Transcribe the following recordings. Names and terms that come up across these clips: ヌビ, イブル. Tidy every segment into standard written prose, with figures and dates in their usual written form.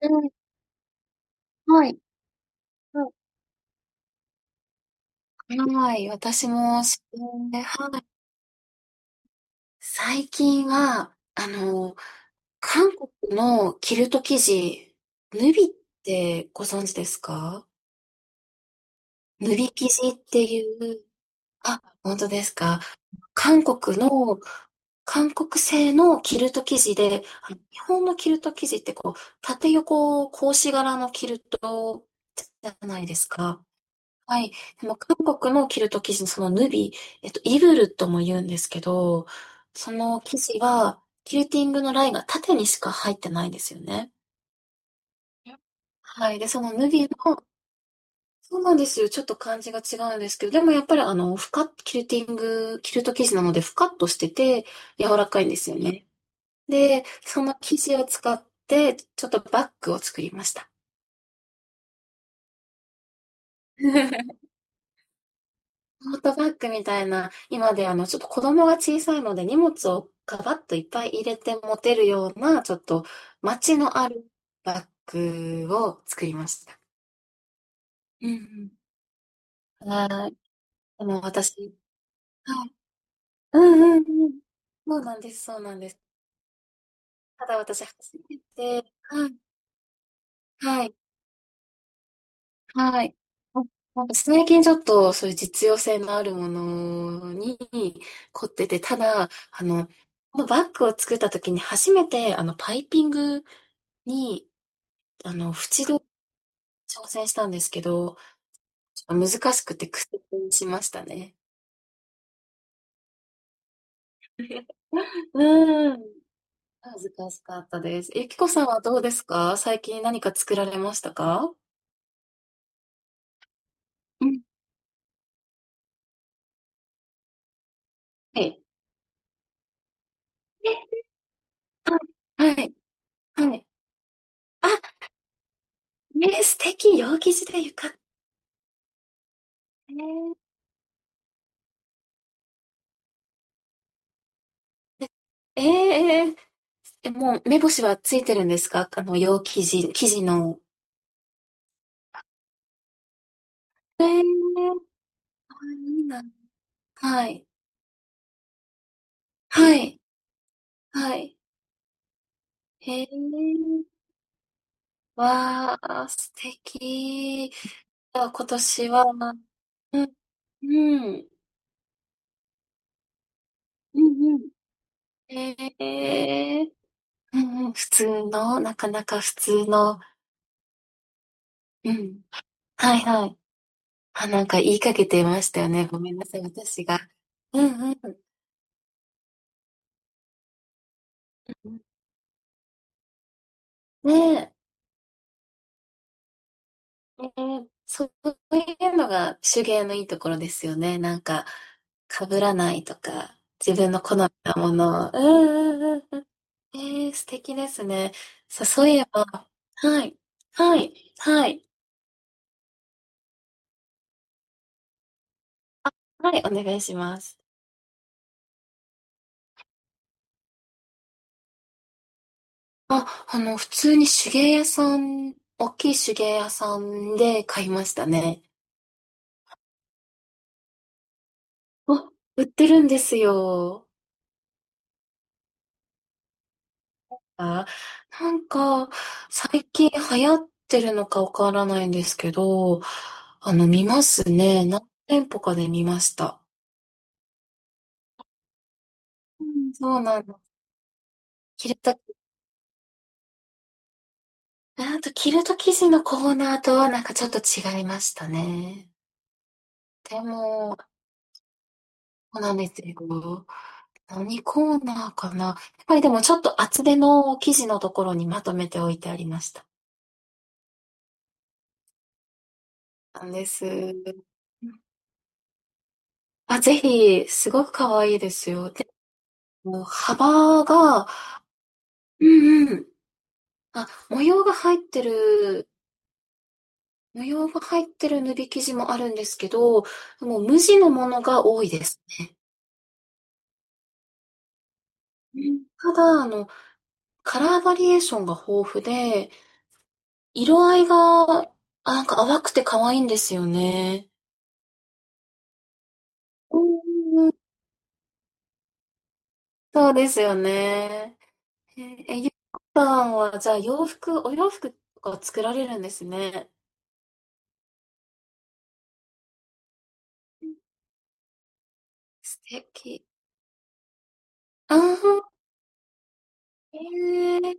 うん、はい。うんはいはい私も、それはい。最近は、韓国のキルト生地、ヌビってご存知ですか？ヌビ生地っていう、あ、本当ですか。韓国の、韓国製のキルト生地で、日本のキルト生地ってこう、縦横格子柄のキルトじゃないですか。はい。でも韓国のキルト生地のそのヌビ、イブルとも言うんですけど、その生地は、キルティングのラインが縦にしか入ってないんですよね。はい。で、そのヌビの、そうなんですよ。ちょっと感じが違うんですけど、でもやっぱりふかっ、キルティング、キルト生地なので、ふかっとしてて、柔らかいんですよね。で、その生地を使って、ちょっとバッグを作りました。トートバッグみたいな、今でちょっと子供が小さいので荷物をガバッといっぱい入れて持てるような、ちょっと街のあるバッグを作りました。うんうん。はい。でも私はい。うんうんうん。そうなんですそうなんです。ただ私初めてはい、はい、はい。なんか最近ちょっとそういう実用性のあるものに凝ってて、ただ、このバッグを作った時に初めてパイピングに、縁取り挑戦したんですけど、ちょっと難しくて苦戦しましたね。うーん、恥ずかしかったです。ゆきこさんはどうですか？最近何か作られましたか？うん、はい。え、はい、はい。あ、ね素敵、陽生地で浴衣ね。ええええ、もう目星はついてるんですか？洋生地、生地の。ええー、あ、いいな。はい。はい。はい。へえ。わあ、素敵。あ、今年は、うん、うん、うん、うん。ええうんうん、普通の、なかなか普通の、うん。はいはい。あ、なんか言いかけてましたよね。ごめんなさい、私が。うんうんうん。ねえ、ええそういうのが手芸のいいところですよね。なんか、被らないとか、自分の好みなものを。うんうんうん。ええ、素敵ですね。さ、そういえばはい。はい。はい。はい、お願いします。あ、普通に手芸屋さん大きい手芸屋さんで買いましたね。あ、売ってるんですよ。あ、なんか、最近流行ってるのかわからないんですけど、見ますね。何店舗かで見ました。うん、そうなの。キルトあとキルト生地のコーナーとはなんかちょっと違いましたね。でも、そうなんですよ。何コーナーかな。やっぱりでもちょっと厚手の生地のところにまとめておいてありました。なんです。あ、ぜひ、すごく可愛いですよ。でも、幅が、うんうん。あ、模様が入ってる縫い生地もあるんですけど、もう無地のものが多いですね。うんただ、カラーバリエーションが豊富で、色合いが、あ、なんか淡くて可愛いんですよね。うーん、そうですよね。えゆきさんは、じゃあお洋服とか作られるんですね。素敵。ああ、ええ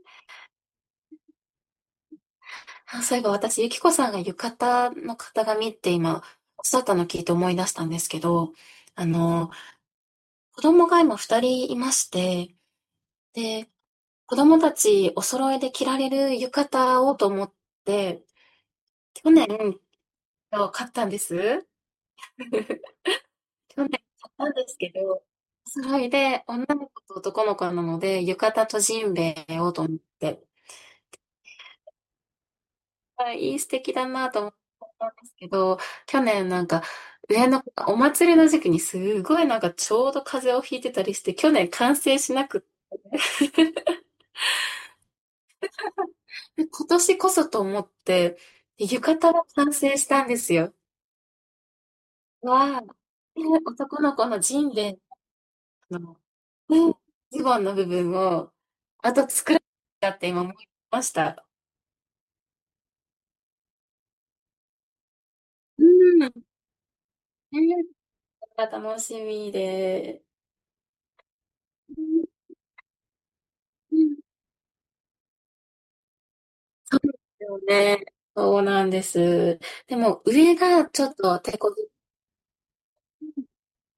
あ、そういえば私、ゆきこさんが浴衣の型紙って今、おっしゃったの聞いて思い出したんですけど、あの、子供が今二人いまして、で、子供たちお揃いで着られる浴衣をと思って、去年そう、買ったんです。去年買ったんですけど、それで女の子と男の子なので、浴衣とジンベエをと思って、あ、いい素敵だなと思っったんですけど、去年なんか上の子がお祭りの時期にすごいなんかちょうど風邪をひいてたりして、去年完成しなくって で今年こそと思って、で浴衣が完成したんですよ。わあ、で、男の子のジンベエあの、うん、ズボンの部分を、あと作らなきゃって今思いました。うん、ねえ。楽しみで。うんうん。よね。そうなんです。でも上がちょっと手こず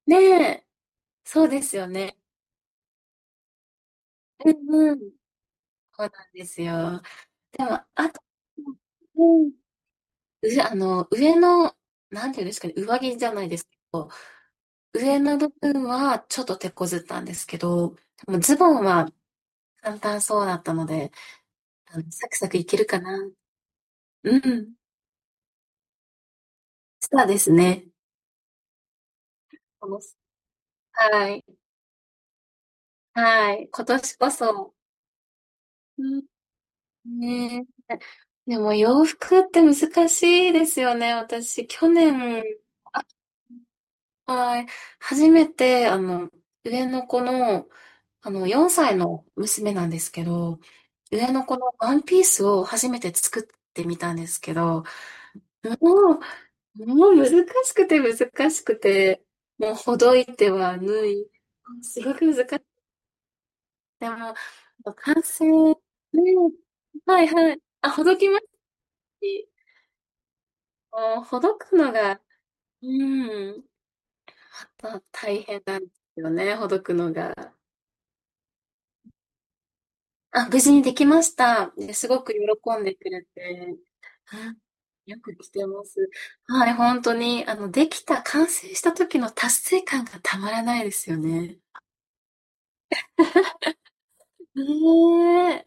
ねえ、そうですよね。うんうん。そうなんですよ。あと、うん。うあの、上の、なんていうんですかね、上着じゃないですけど、上の部分はちょっと手こずったんですけど、でもズボンは簡単そうだったので、うん、サクサクいけるかな。うん、そうですね。このはい、はい、今年こそ。うん、ねえ。でも洋服って難しいですよね。私、去年、はい、初めて、上の子の、4歳の娘なんですけど、上の子のワンピースを初めて作ってみたんですけど、もうもう難しくて難しくて、もうほどいては縫い、すごく難しくて、もう、完成、ね、はいはい。あ、ほどきますしもうほどくのが、うん、また大変なんですよね、ほどくのが。あ、無事にできました。で、すごく喜んでくれて、うんよく来てます。はい、本当に、できた、完成した時の達成感がたまらないですよね。ねえ。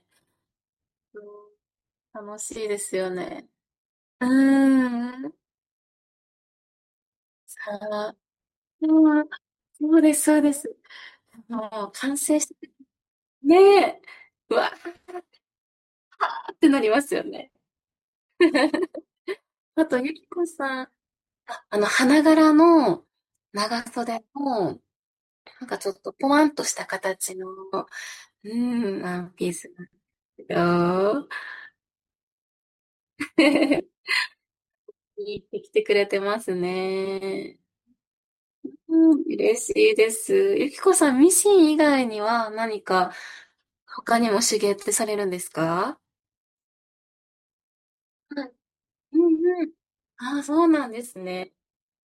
楽しいですよね。うーん。あーうん、そうです、そうです。もう完成して、ねえ、うわーってなりますよね。あと、ゆきこさん、花柄の長袖の、なんかちょっとポワンとした形の、うん、ワンピースなんですよ。いいってきてくれてますね。うん、嬉しいです。ゆきこさん、ミシン以外には何か他にも手芸ってされるんですか？はい。うんうん。ああ、そうなんですね。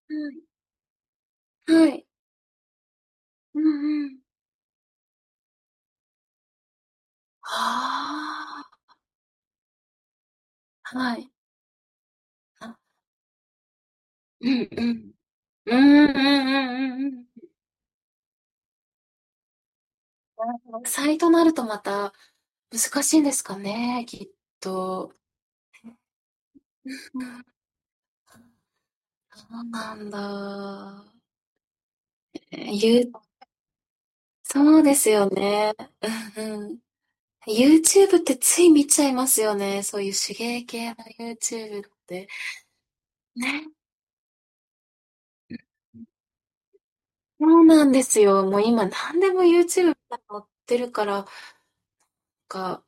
はい。はい。うんうん。ああ、はい。あ、うんうん。うんうんうんうんうん。サイトなるとまた難しいんですかね、きっと。うんうんそうなんだ。えー、うそうですよね。うんうん。YouTube ってつい見ちゃいますよね。そういう手芸系の YouTube って。ね。そうなんですよ。もう今何でも YouTube に載ってるから、なんか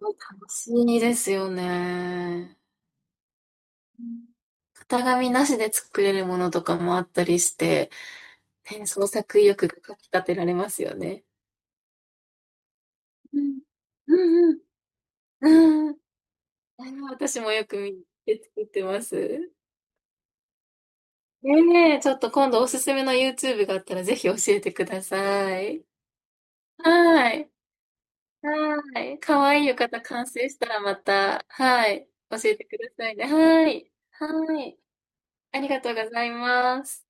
楽しいですよね。型紙なしで作れるものとかもあったりして、ね、創作意欲がかき立てられますよね。うん。うんうん。うん。私もよく見て作ってます。ねえ、ちょっと今度おすすめの YouTube があったらぜひ教えてください。はい。はい。かわいい浴衣完成したらまた、はい。教えてくださいね。はい。はい。ありがとうございます。